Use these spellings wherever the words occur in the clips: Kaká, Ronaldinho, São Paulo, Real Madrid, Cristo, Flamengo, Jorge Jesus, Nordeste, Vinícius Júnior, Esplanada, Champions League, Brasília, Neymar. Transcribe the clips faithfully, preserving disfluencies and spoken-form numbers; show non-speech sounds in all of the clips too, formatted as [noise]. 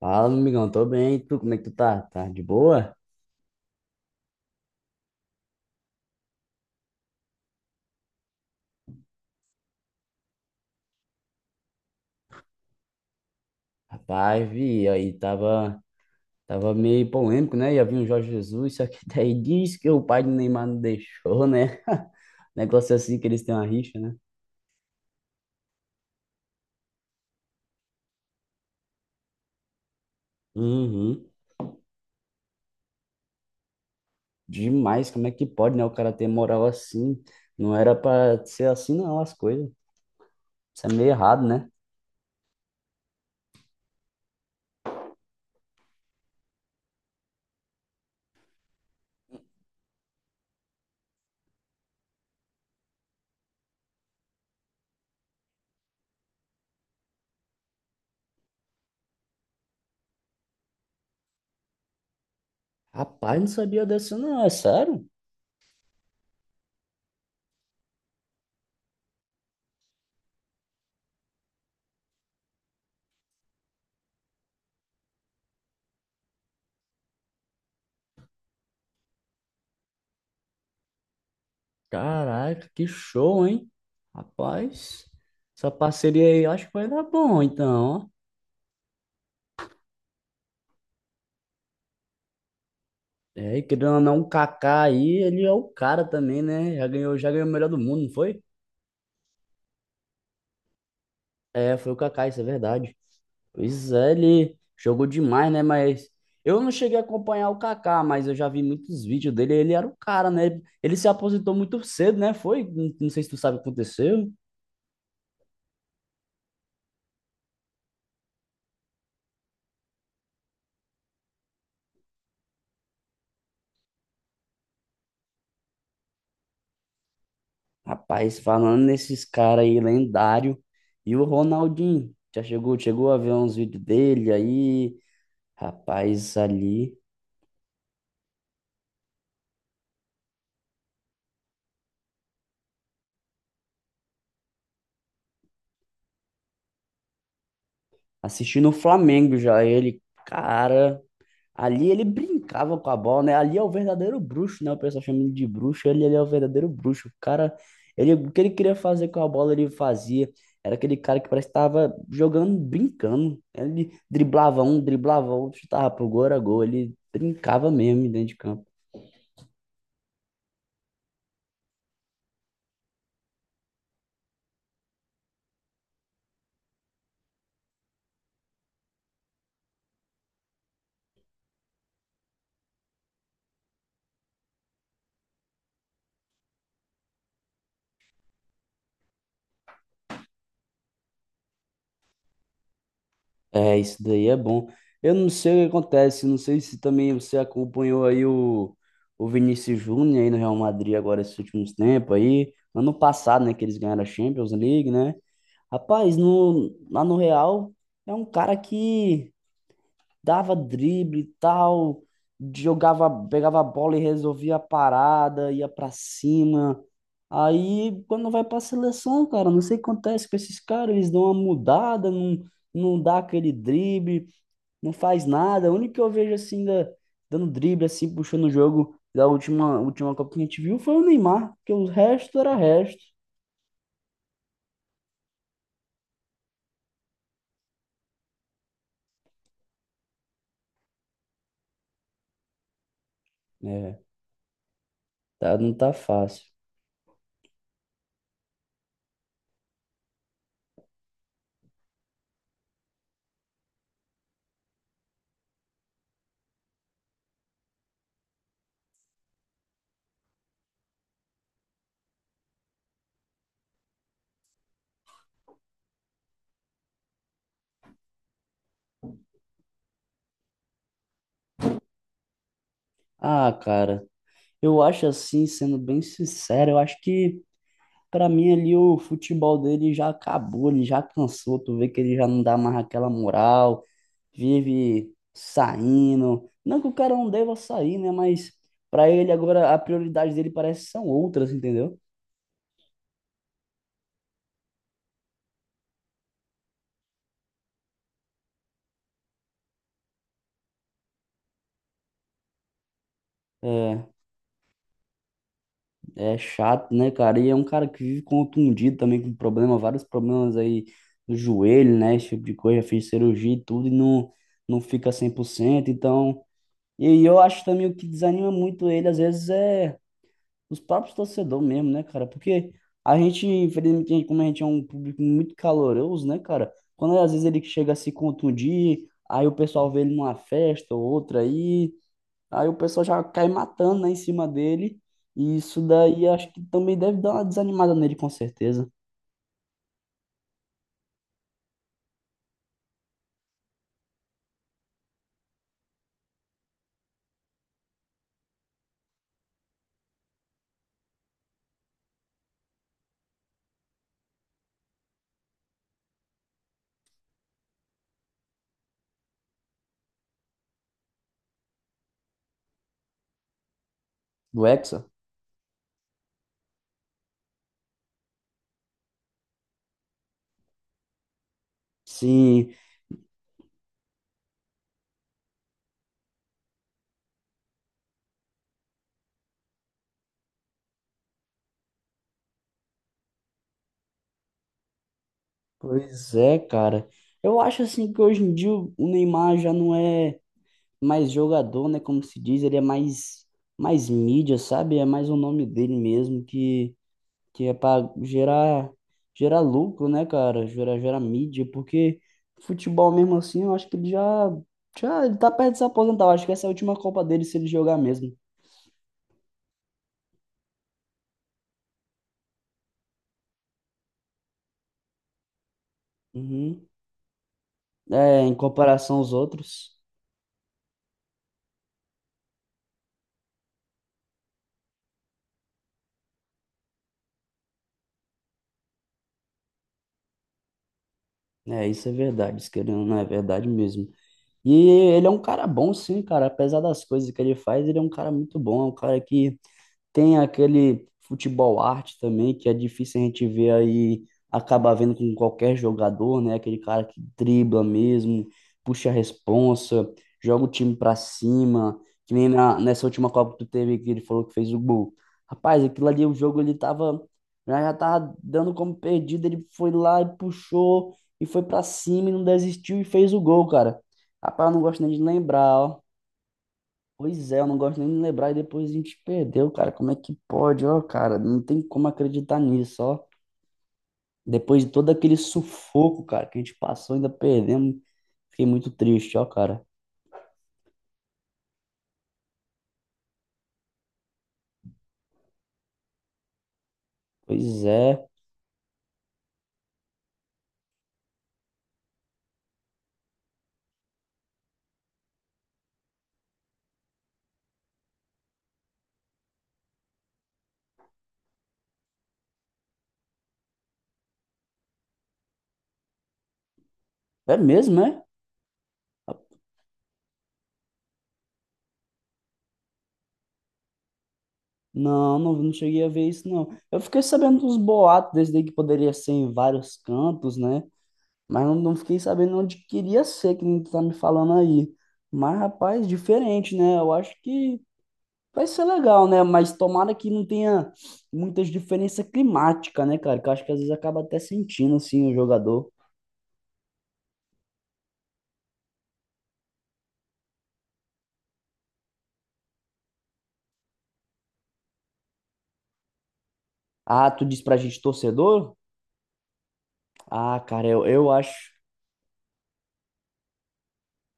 Fala, meu amigão, tô bem. E tu, como é que tu tá? Tá de boa? Rapaz, vi, aí tava, tava meio polêmico, né? Ia vir o Jorge Jesus, só que [laughs] daí diz que o pai do Neymar não deixou, né? [laughs] Negócio assim que eles têm uma rixa, né? Uhum. Demais, como é que pode, né? O cara ter moral assim. Não era pra ser assim, não, as coisas. Isso é meio errado, né? Rapaz, não sabia dessa, não, é sério? Caraca, que show, hein? Rapaz, essa parceria aí, eu acho que vai dar bom, então, ó. É, e querendo ou não, o Kaká aí, ele é o cara também, né? Já ganhou, já ganhou o melhor do mundo, não foi? É, foi o Kaká, isso é verdade. Pois é, ele jogou demais, né? Mas eu não cheguei a acompanhar o Kaká, mas eu já vi muitos vídeos dele, ele era o cara, né? Ele se aposentou muito cedo, né? Foi? Não, não sei se tu sabe o que aconteceu. Rapaz, falando nesses caras aí, lendário. E o Ronaldinho, já chegou, chegou a ver uns vídeos dele aí. Rapaz, ali, assistindo o Flamengo já, ele, cara. Ali ele brincava com a bola, né? Ali é o verdadeiro bruxo, né? O pessoal chama ele de bruxo. Ele, ele é o verdadeiro bruxo. O cara, ele, o que ele queria fazer com a bola, ele fazia. Era aquele cara que parece que estava jogando, brincando. Ele driblava um, driblava outro, chutava pro gol, era gol. Ele brincava mesmo dentro de campo. É, isso daí é bom. Eu não sei o que acontece, não sei se também você acompanhou aí o, o Vinícius Júnior aí no Real Madrid agora esses últimos tempos aí. Ano passado, né, que eles ganharam a Champions League, né? Rapaz, no, lá no Real é um cara que dava drible e tal, jogava, pegava a bola e resolvia a parada, ia pra cima. Aí quando vai pra seleção, cara, não sei o que acontece com esses caras, eles dão uma mudada, não, não dá aquele drible, não faz nada. O único que eu vejo assim, da, dando drible, assim, puxando o jogo da última, última Copa que a gente viu foi o Neymar, porque o resto era resto. É, tá, não tá fácil. Ah, cara. Eu acho assim, sendo bem sincero, eu acho que pra mim ali o futebol dele já acabou, ele já cansou, tu vê que ele já não dá mais aquela moral, vive saindo. Não que o cara não deva sair, né? Mas pra ele agora a prioridade dele parece que são outras, entendeu? É, é chato, né, cara? E é um cara que vive contundido também com problema, vários problemas aí do joelho, né? Esse tipo de coisa, já fez cirurgia e tudo e não, não fica cem por cento. Então, e eu acho também o que desanima muito ele, às vezes, é os próprios torcedores mesmo, né, cara? Porque a gente, infelizmente, a gente, como a gente é um público muito caloroso, né, cara? Quando às vezes ele chega a se contundir, aí o pessoal vê ele numa festa ou outra aí, aí o pessoal já cai matando, né, em cima dele. E isso daí acho que também deve dar uma desanimada nele, com certeza. Do Hexa? Sim, pois é, cara. Eu acho assim que hoje em dia o Neymar já não é mais jogador, né? Como se diz, ele é mais, mais mídia, sabe? É mais o nome dele mesmo, que, que é para gerar, gerar lucro, né, cara? Gerar, gerar mídia, porque futebol mesmo assim, eu acho que ele já, já ele tá perto de se aposentar. Eu acho que essa é a última Copa dele se ele jogar mesmo. Uhum. É, em comparação aos outros. É, isso é verdade, isso querendo ou não é verdade mesmo. E ele é um cara bom, sim, cara. Apesar das coisas que ele faz, ele é um cara muito bom. É um cara que tem aquele futebol arte também, que é difícil a gente ver aí, acaba vendo com qualquer jogador, né? Aquele cara que dribla mesmo, puxa a responsa, joga o time pra cima, que nem na- nessa última Copa que tu teve, que ele falou que fez o gol. Rapaz, aquilo ali, o jogo, ele tava, já, já tava dando como perdido, ele foi lá e puxou, e foi pra cima, e não desistiu, e fez o gol, cara. Rapaz, eu não gosto nem de lembrar, ó. Pois é, eu não gosto nem de lembrar e depois a gente perdeu, cara. Como é que pode, ó, cara? Não tem como acreditar nisso, ó. Depois de todo aquele sufoco, cara, que a gente passou, ainda perdemos. Fiquei muito triste, ó, cara. Pois é. É mesmo, é? Não, não, não cheguei a ver isso, não. Eu fiquei sabendo dos boatos desde aí que poderia ser em vários cantos, né? Mas não, não fiquei sabendo onde queria ser, que nem tu tá me falando aí. Mas, rapaz, diferente, né? Eu acho que vai ser legal, né? Mas tomara que não tenha muitas diferenças climáticas, né, cara? Que eu acho que às vezes acaba até sentindo, assim, o jogador. Ah, tu diz pra gente torcedor? Ah, cara, eu, eu acho.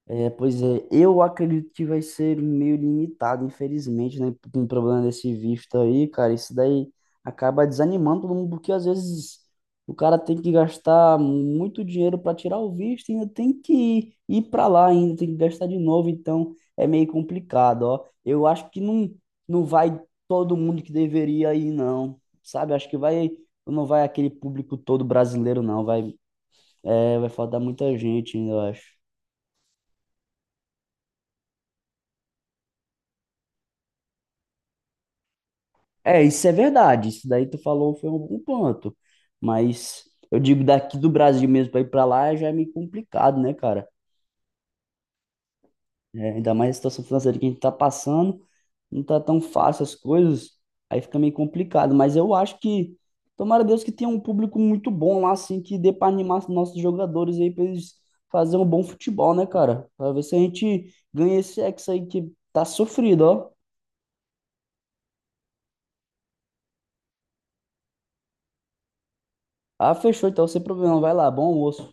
É, pois é, eu acredito que vai ser meio limitado, infelizmente, né? Com o problema desse visto aí, cara, isso daí acaba desanimando todo mundo, porque às vezes o cara tem que gastar muito dinheiro para tirar o visto e ainda tem que ir para lá, ainda tem que gastar de novo, então é meio complicado, ó. Eu acho que não, não vai todo mundo que deveria ir, não, sabe? Acho que vai, não vai aquele público todo brasileiro, não, vai, é, vai faltar muita gente ainda, eu acho. É, isso é verdade. Isso daí tu falou foi um bom ponto. Mas eu digo, daqui do Brasil mesmo para ir para lá já é meio complicado, né, cara? É, ainda mais a situação financeira que a gente tá passando, não tá tão fácil as coisas, aí fica meio complicado. Mas eu acho que, tomara a Deus que tenha um público muito bom lá, assim, que dê para animar os nossos jogadores aí para eles fazerem um bom futebol, né, cara? Para ver se a gente ganha esse ex aí que tá sofrido, ó. Ah, fechou, então sem problema, vai lá, bom almoço.